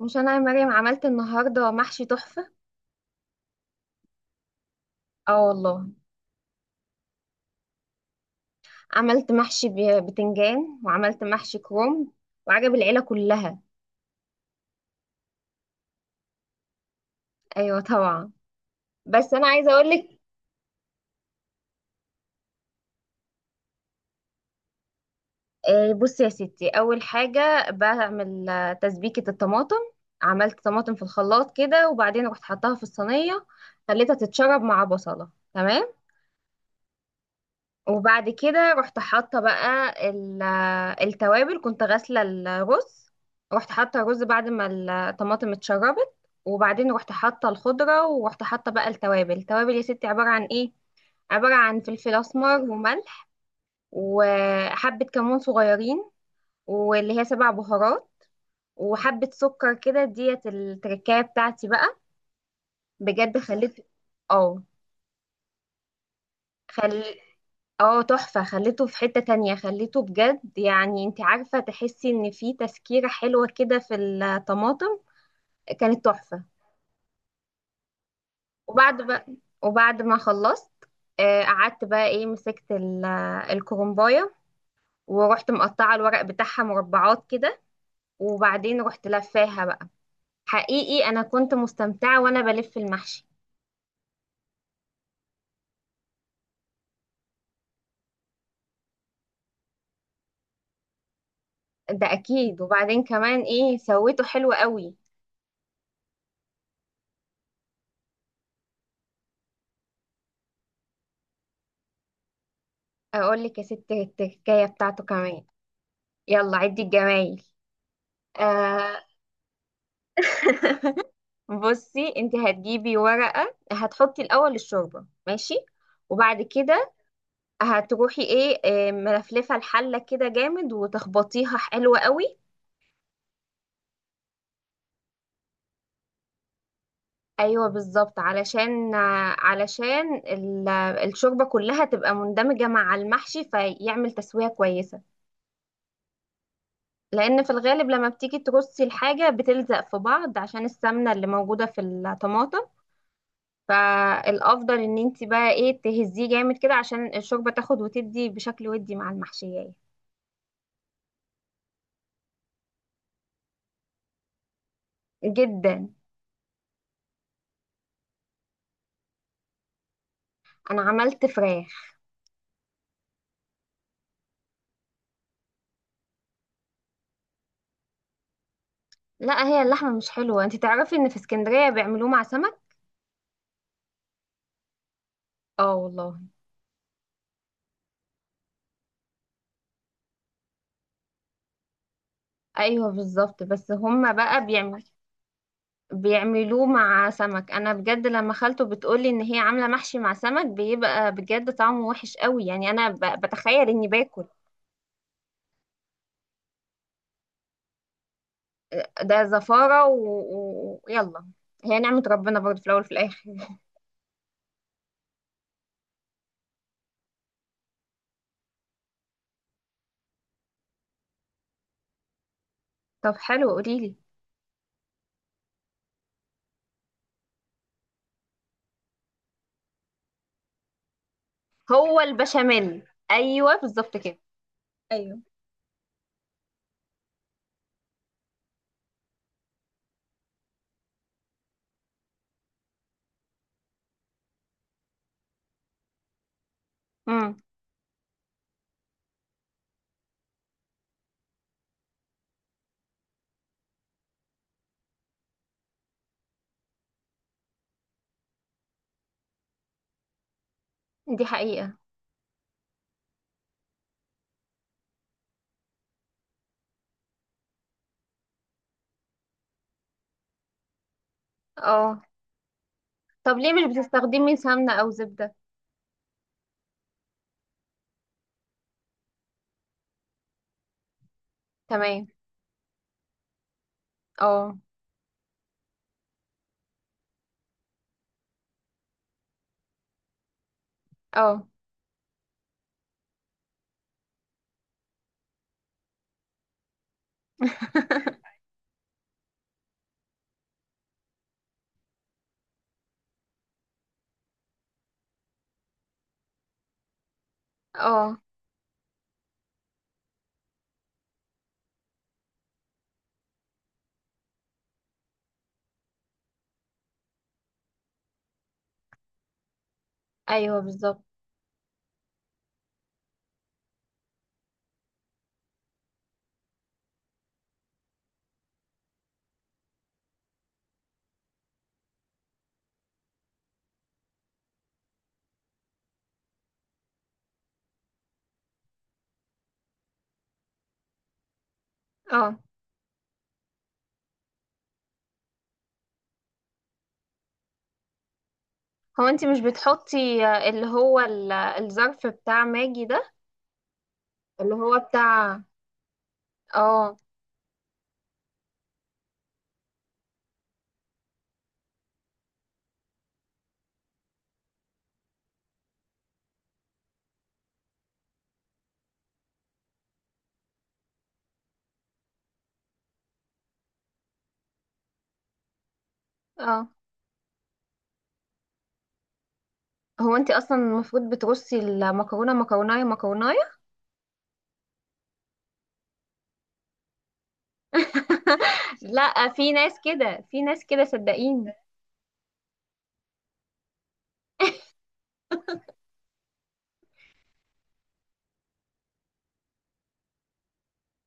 مش انا يا مريم عملت النهارده محشي تحفه؟ اه والله. عملت محشي بتنجان، وعملت محشي كروم، وعجب العيله كلها. ايوه طبعا. بس انا عايزه اقول لك. بصي يا ستي، اول حاجه بعمل تسبيكه الطماطم. عملت طماطم في الخلاط كده، وبعدين رحت حطاها في الصينيه، خليتها تتشرب مع بصله، تمام. وبعد كده رحت حاطه بقى التوابل. كنت غاسله الرز، رحت حاطه الرز بعد ما الطماطم اتشربت. وبعدين رحت حاطه الخضره، ورحت حاطه بقى التوابل. التوابل يا ستي عباره عن ايه؟ عباره عن فلفل اسمر وملح، وحبه كمون صغيرين، واللي هي سبع بهارات، وحبه سكر كده. ديت التركايه بتاعتي بقى. بجد خليت اه خل اه تحفة. خليته في حتة تانية، خليته بجد، يعني انت عارفة، تحسي ان في تسكيرة حلوة كده في الطماطم. كانت تحفة. وبعد بقى وبعد ما خلصت، قعدت بقى ايه، مسكت الكرنباية، ورحت مقطعة الورق بتاعها مربعات كده، وبعدين رحت لفاها بقى. حقيقي انا كنت مستمتعة وانا بلف المحشي. ده اكيد. وبعدين كمان ايه سويته حلو قوي. اقول لك يا ستي التكايه بتاعته كمان. يلا عدي الجمايل. آه. بصي، انت هتجيبي ورقة، هتحطي الأول الشوربة، ماشي. وبعد كده هتروحي ايه آه، ملفلفة الحلة كده جامد وتخبطيها حلوة قوي. ايوه بالظبط، علشان الشوربة كلها تبقى مندمجة مع المحشي فيعمل تسوية كويسة. لأن في الغالب لما بتيجي ترصي الحاجة بتلزق في بعض عشان السمنة اللي موجودة في الطماطم. فالافضل ان انت بقى ايه، تهزيه جامد كده عشان الشوربه تاخد وتدي بشكل ودي مع المحشيه. جدا. انا عملت فراخ. لا، هي اللحمه مش حلوه. انت تعرفي ان في اسكندريه بيعملوه مع سمك. اه والله. ايوه بالظبط، بس هما بقى بيعملوه مع سمك. انا بجد لما خالته بتقولي ان هي عامله محشي مع سمك، بيبقى بجد طعمه وحش قوي يعني، انا بتخيل اني باكل. ده زفاره ويلا، يلا. هي نعمه ربنا برضه في الاول وفي الاخر. طب حلو، قوليلي. هو البشاميل. ايوه بالظبط كده. ايوه. امم. دي حقيقة. اه. طب ليه مش بتستخدمي سمنة او زبدة؟ تمام. اه. اه. اه. ايوه بالظبط. اه. هو انت مش بتحطي اللي هو الظرف بتاع ماجي ده؟ اللي هو بتاع. اه. اه. هو انت اصلا المفروض بترصي المكرونه مكرونايه مكرونايه. لا، في ناس كده، في ناس كده، صدقيني.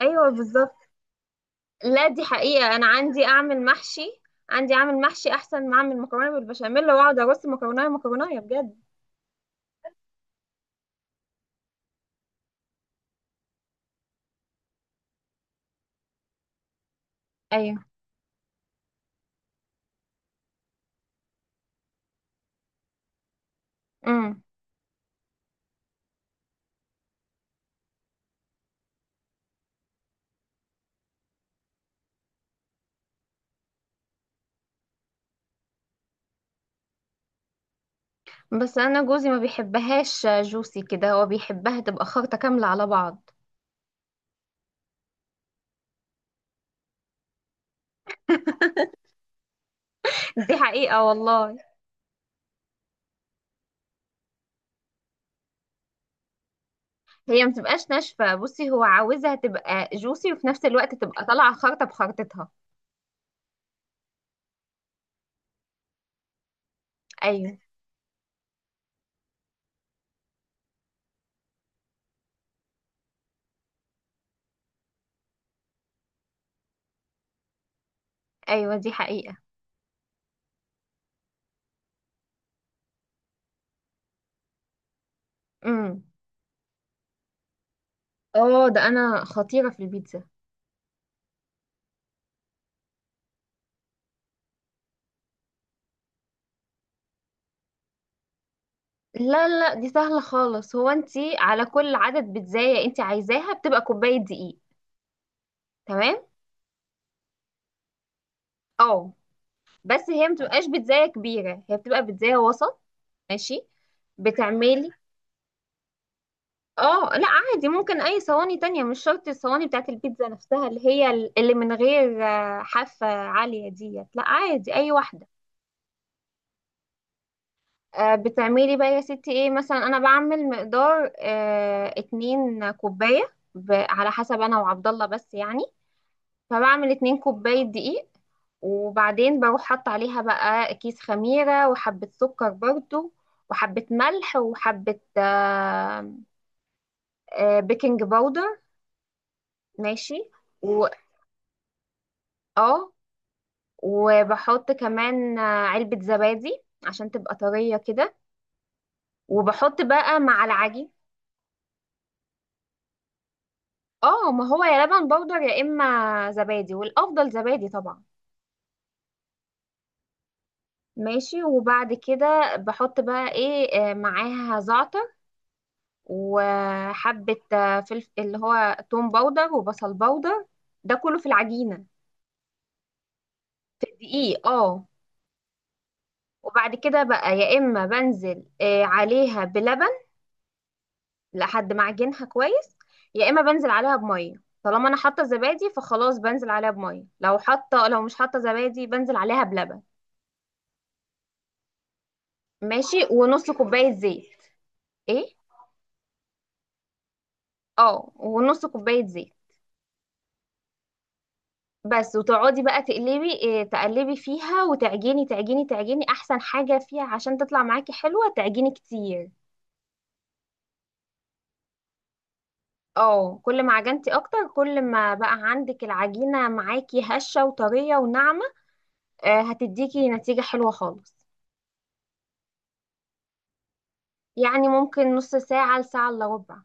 ايوه بالظبط. لا دي حقيقة، أنا عندي أعمل محشي، عندي أعمل محشي أحسن ما أعمل مكرونة بالبشاميل، وأقعد أرص مكرونة مكرونة بجد. ايوه. امم. بس أنا جوزي ما بيحبهاش جوسي كده، هو بيحبها تبقى خلطة كاملة على بعض. دي حقيقة والله. هي ما تبقاش ناشفة. بصي هو عاوزها تبقى جوسي وفي نفس الوقت تبقى طالعة خلطة بخلطتها. أيوه. أيوه دي حقيقة. امم. اه، ده أنا خطيرة في البيتزا. لا لا، دي سهلة خالص. هو انتي على كل عدد بيتزاية انتي عايزاها بتبقى كوباية دقيق. تمام. اه، بس هي متبقاش بيتزاية كبيرة، هي بتبقى بيتزاية وسط. ماشي. بتعملي. اه لا عادي، ممكن اي صواني تانية، مش شرط الصواني بتاعت البيتزا نفسها، اللي هي اللي من غير حافة عالية ديت. لا عادي اي واحدة. بتعملي بقى يا ستي ايه، مثلا انا بعمل مقدار 2 كوباية على حسب انا وعبد الله بس يعني. فبعمل 2 كوباية دقيق. وبعدين بروح حط عليها بقى كيس خميرة وحبة سكر برضو، وحبة ملح، وحبة بيكنج باودر. ماشي. و اه وبحط كمان علبة زبادي عشان تبقى طرية كده. وبحط بقى مع العجين. اه، ما هو يا لبن بودر يا اما زبادي، والافضل زبادي طبعا. ماشي. وبعد كده بحط بقى ايه معاها زعتر، وحبة فلف اللي هو توم باودر وبصل باودر. ده كله في العجينة. في الدقيق اه. وبعد كده بقى يا إما بنزل عليها بلبن لحد ما أعجنها كويس، يا إما بنزل عليها بمية. طالما أنا حاطة زبادي فخلاص بنزل عليها بمية، لو مش حاطة زبادي بنزل عليها بلبن. ماشي. ونص كوباية زيت. ايه. اه، ونص كوباية زيت بس. وتقعدي بقى تقلبي فيها، وتعجني تعجني تعجني. احسن حاجة فيها عشان تطلع معاكي حلوة، تعجني كتير. اه، كل ما عجنتي اكتر، كل ما بقى عندك العجينة معاكي هشة وطرية وناعمة. هتديكي نتيجة حلوة خالص. يعني ممكن نص ساعة لساعة الا ربع.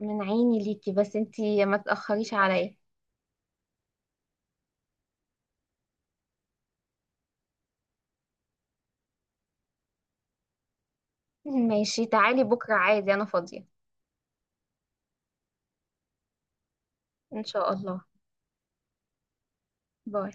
من عيني ليكي، بس انتي ما تأخريش عليا. ماشي تعالي بكرة، عادي انا فاضية. ان شاء الله. باي.